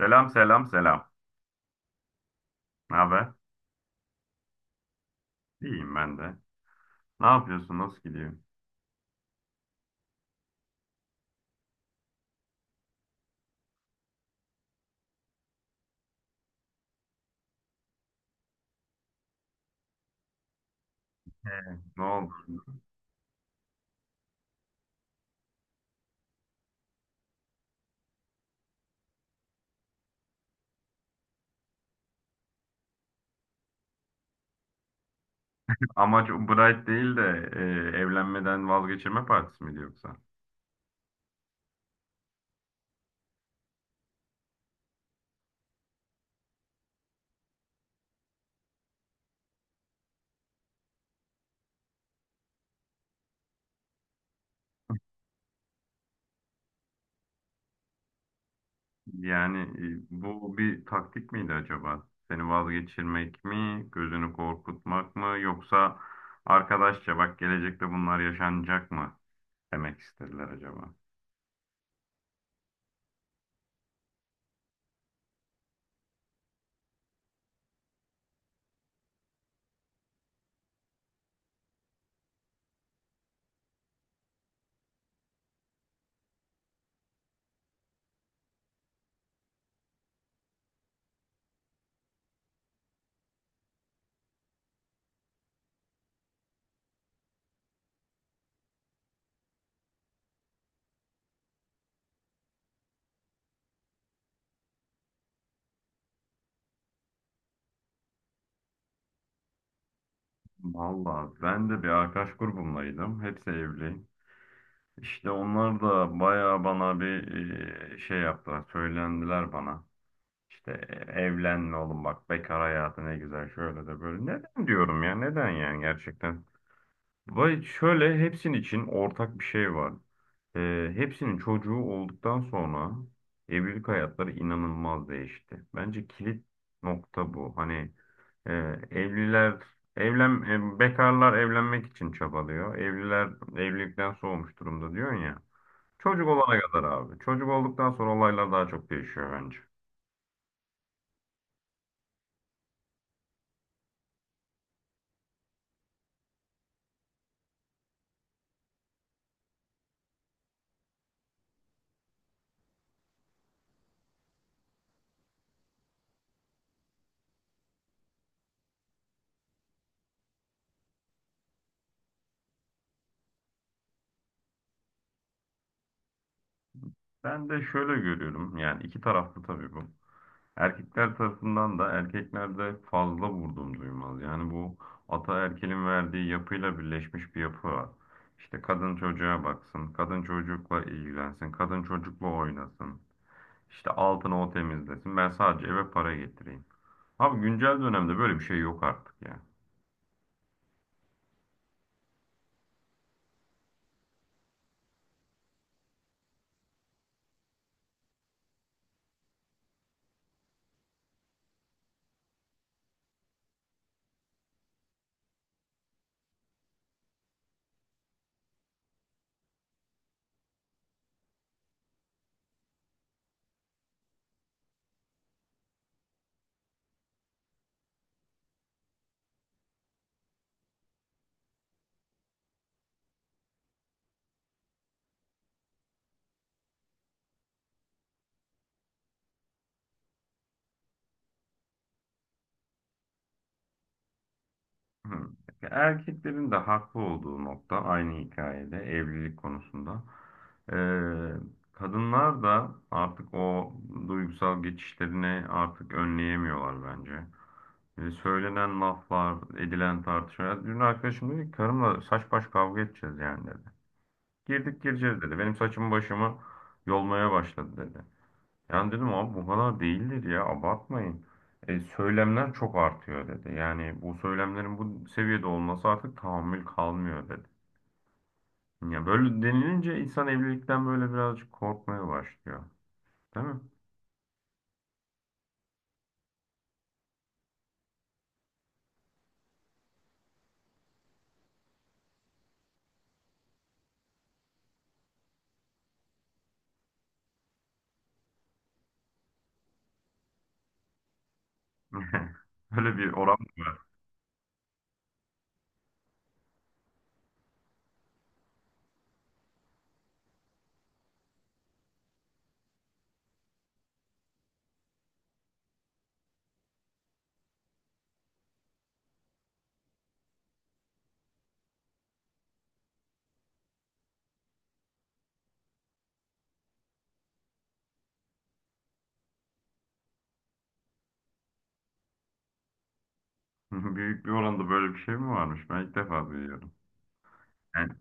Selam selam selam. Ne haber? İyiyim ben de. Ne yapıyorsun? Nasıl gidiyor? Ne oldu? Amaç Bright değil de evlenmeden vazgeçirme partisi miydi yoksa? Yani bu bir taktik miydi acaba? Seni vazgeçirmek mi, gözünü korkutmak mı, yoksa arkadaşça bak, gelecekte bunlar yaşanacak mı demek istediler acaba? Vallahi ben de bir arkadaş grubumdaydım. Hepsi evli. İşte onlar da bayağı bana bir şey yaptılar, söylendiler bana. İşte evlenme oğlum, bak bekar hayatı ne güzel, şöyle de böyle. Neden diyorum ya, neden yani, gerçekten. Vay, şöyle hepsinin için ortak bir şey var. Hepsinin çocuğu olduktan sonra evlilik hayatları inanılmaz değişti. Bence kilit nokta bu. Hani e, evliler evlen bekarlar evlenmek için çabalıyor. Evliler evlilikten soğumuş durumda diyorsun ya. Çocuk olana kadar abi. Çocuk olduktan sonra olaylar daha çok değişiyor bence. Ben de şöyle görüyorum. Yani iki taraflı tabii bu. Erkekler tarafından da erkeklerde fazla vurdum duymaz. Yani bu ataerkilin verdiği yapıyla birleşmiş bir yapı var. İşte kadın çocuğa baksın, kadın çocukla ilgilensin, kadın çocukla oynasın. İşte altını o temizlesin. Ben sadece eve para getireyim. Abi güncel dönemde böyle bir şey yok artık ya. Hı. Erkeklerin de haklı olduğu nokta aynı hikayede evlilik konusunda. Ee, Kadınlar da artık o duygusal geçişlerini artık önleyemiyorlar bence. Söylenen laflar, edilen tartışmalar. Dün arkadaşım dedi ki karımla saç baş kavga edeceğiz yani dedi. Girdik gireceğiz dedi. Benim saçımı başımı yolmaya başladı dedi. Yani dedim, abi bu kadar değildir ya, abartmayın. Söylemler çok artıyor dedi. Yani bu söylemlerin bu seviyede olması artık tahammül kalmıyor dedi. Ya böyle denilince insan evlilikten böyle birazcık korkmaya başlıyor. Değil mi? Böyle bir oran mı var? Büyük bir oranda böyle bir şey mi varmış? Ben ilk defa duyuyorum. Yani,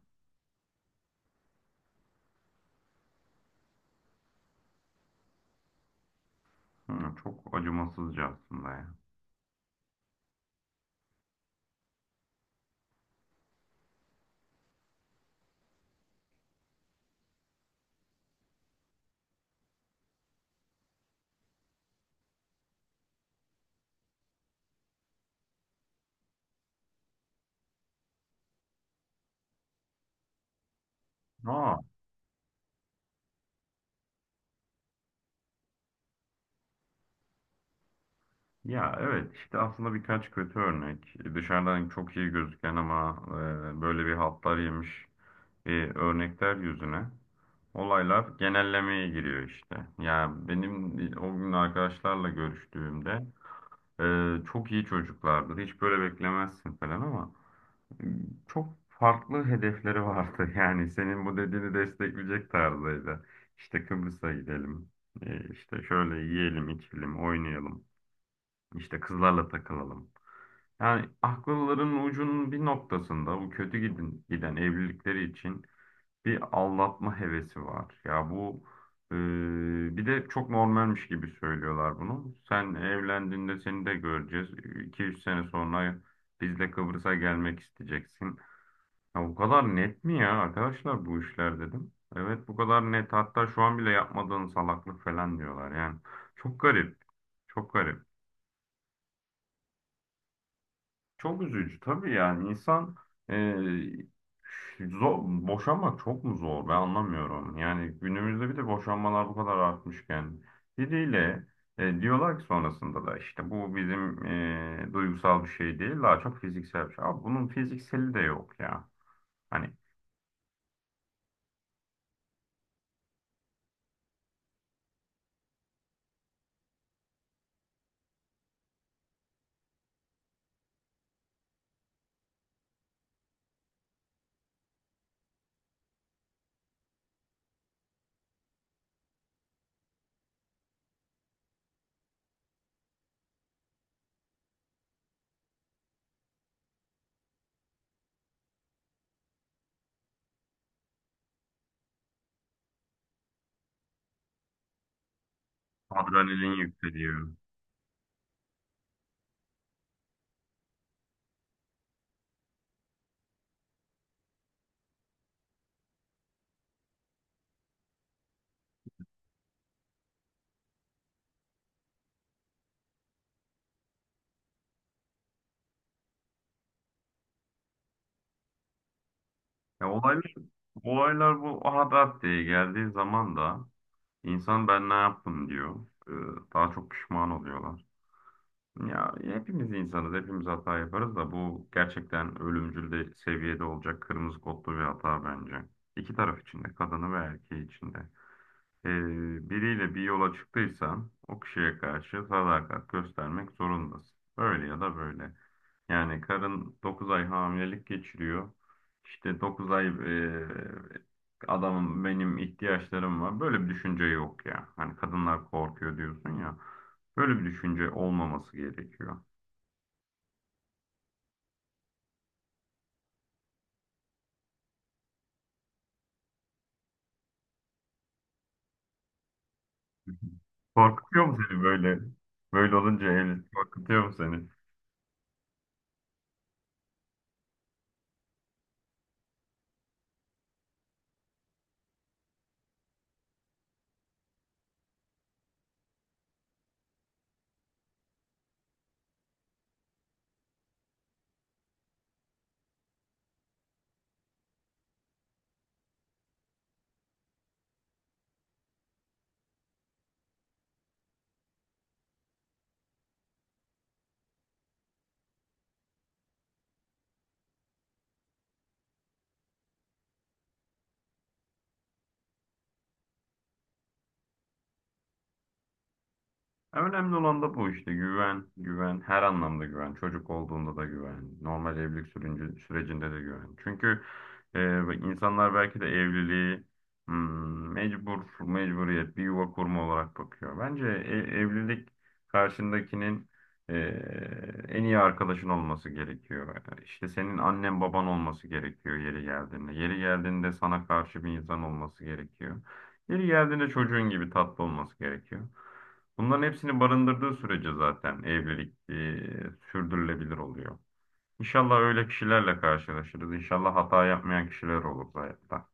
hı, çok acımasızca aslında ya. Aa, ya evet, işte aslında birkaç kötü örnek. Dışarıdan çok iyi gözüken ama böyle bir haltlar yemiş örnekler yüzüne, olaylar genellemeye giriyor işte. Yani benim o gün arkadaşlarla görüştüğümde e, çok iyi çocuklardı. Hiç böyle beklemezsin falan ama e, çok farklı hedefleri vardı. Yani senin bu dediğini destekleyecek tarzdaydı. İşte Kıbrıs'a gidelim. E, işte şöyle yiyelim, içelim, oynayalım. İşte kızlarla takılalım. Yani akılların ucunun bir noktasında bu kötü giden evlilikleri için bir aldatma hevesi var. Ya bu bir de çok normalmiş gibi söylüyorlar bunu. Sen evlendiğinde seni de göreceğiz. İki üç sene sonra biz de Kıbrıs'a gelmek isteyeceksin. Ya bu kadar net mi ya arkadaşlar bu işler dedim. Evet, bu kadar net. Hatta şu an bile yapmadığın salaklık falan diyorlar yani. Çok garip. Çok garip. Çok üzücü tabii, yani insan, boşanmak çok mu zor, ben anlamıyorum. Yani günümüzde bir de boşanmalar bu kadar artmışken, biriyle diyorlar ki sonrasında da işte bu bizim duygusal bir şey değil, daha çok fiziksel bir şey. Abi bunun fizikseli de yok ya. Hani adrenalin yükseliyor. Ya olaylar bu adat diye geldiği zaman da insan ben ne yaptım diyor. E, Daha çok pişman oluyorlar. Ya hepimiz insanız, hepimiz hata yaparız da, bu gerçekten ölümcül de seviyede olacak, kırmızı kodlu bir hata bence. İki taraf için de, kadını ve erkeği için de. Biriyle bir yola çıktıysan o kişiye karşı sadakat göstermek zorundasın. Öyle ya da böyle. Yani karın 9 ay hamilelik geçiriyor. İşte 9 ay, adamın benim ihtiyaçlarım var, böyle bir düşünce yok ya. Hani kadınlar korkuyor diyorsun ya. Böyle bir düşünce olmaması gerekiyor. Korkutuyor mu seni böyle? Böyle olunca evlilik korkutuyor mu seni? Ya, önemli olan da bu işte: güven, güven, her anlamda güven. Çocuk olduğunda da güven, normal evlilik sürecinde de güven. Çünkü bak, insanlar belki de evliliği mecburiyet, bir yuva kurma olarak bakıyor. Bence evlilik karşındakinin e, en iyi arkadaşın olması gerekiyor. İşte senin annen baban olması gerekiyor yeri geldiğinde. Yeri geldiğinde sana karşı bir insan olması gerekiyor. Yeri geldiğinde çocuğun gibi tatlı olması gerekiyor. Bunların hepsini barındırdığı sürece zaten evlilik sürdürülebilir oluyor. İnşallah öyle kişilerle karşılaşırız. İnşallah hata yapmayan kişiler olur hayatta.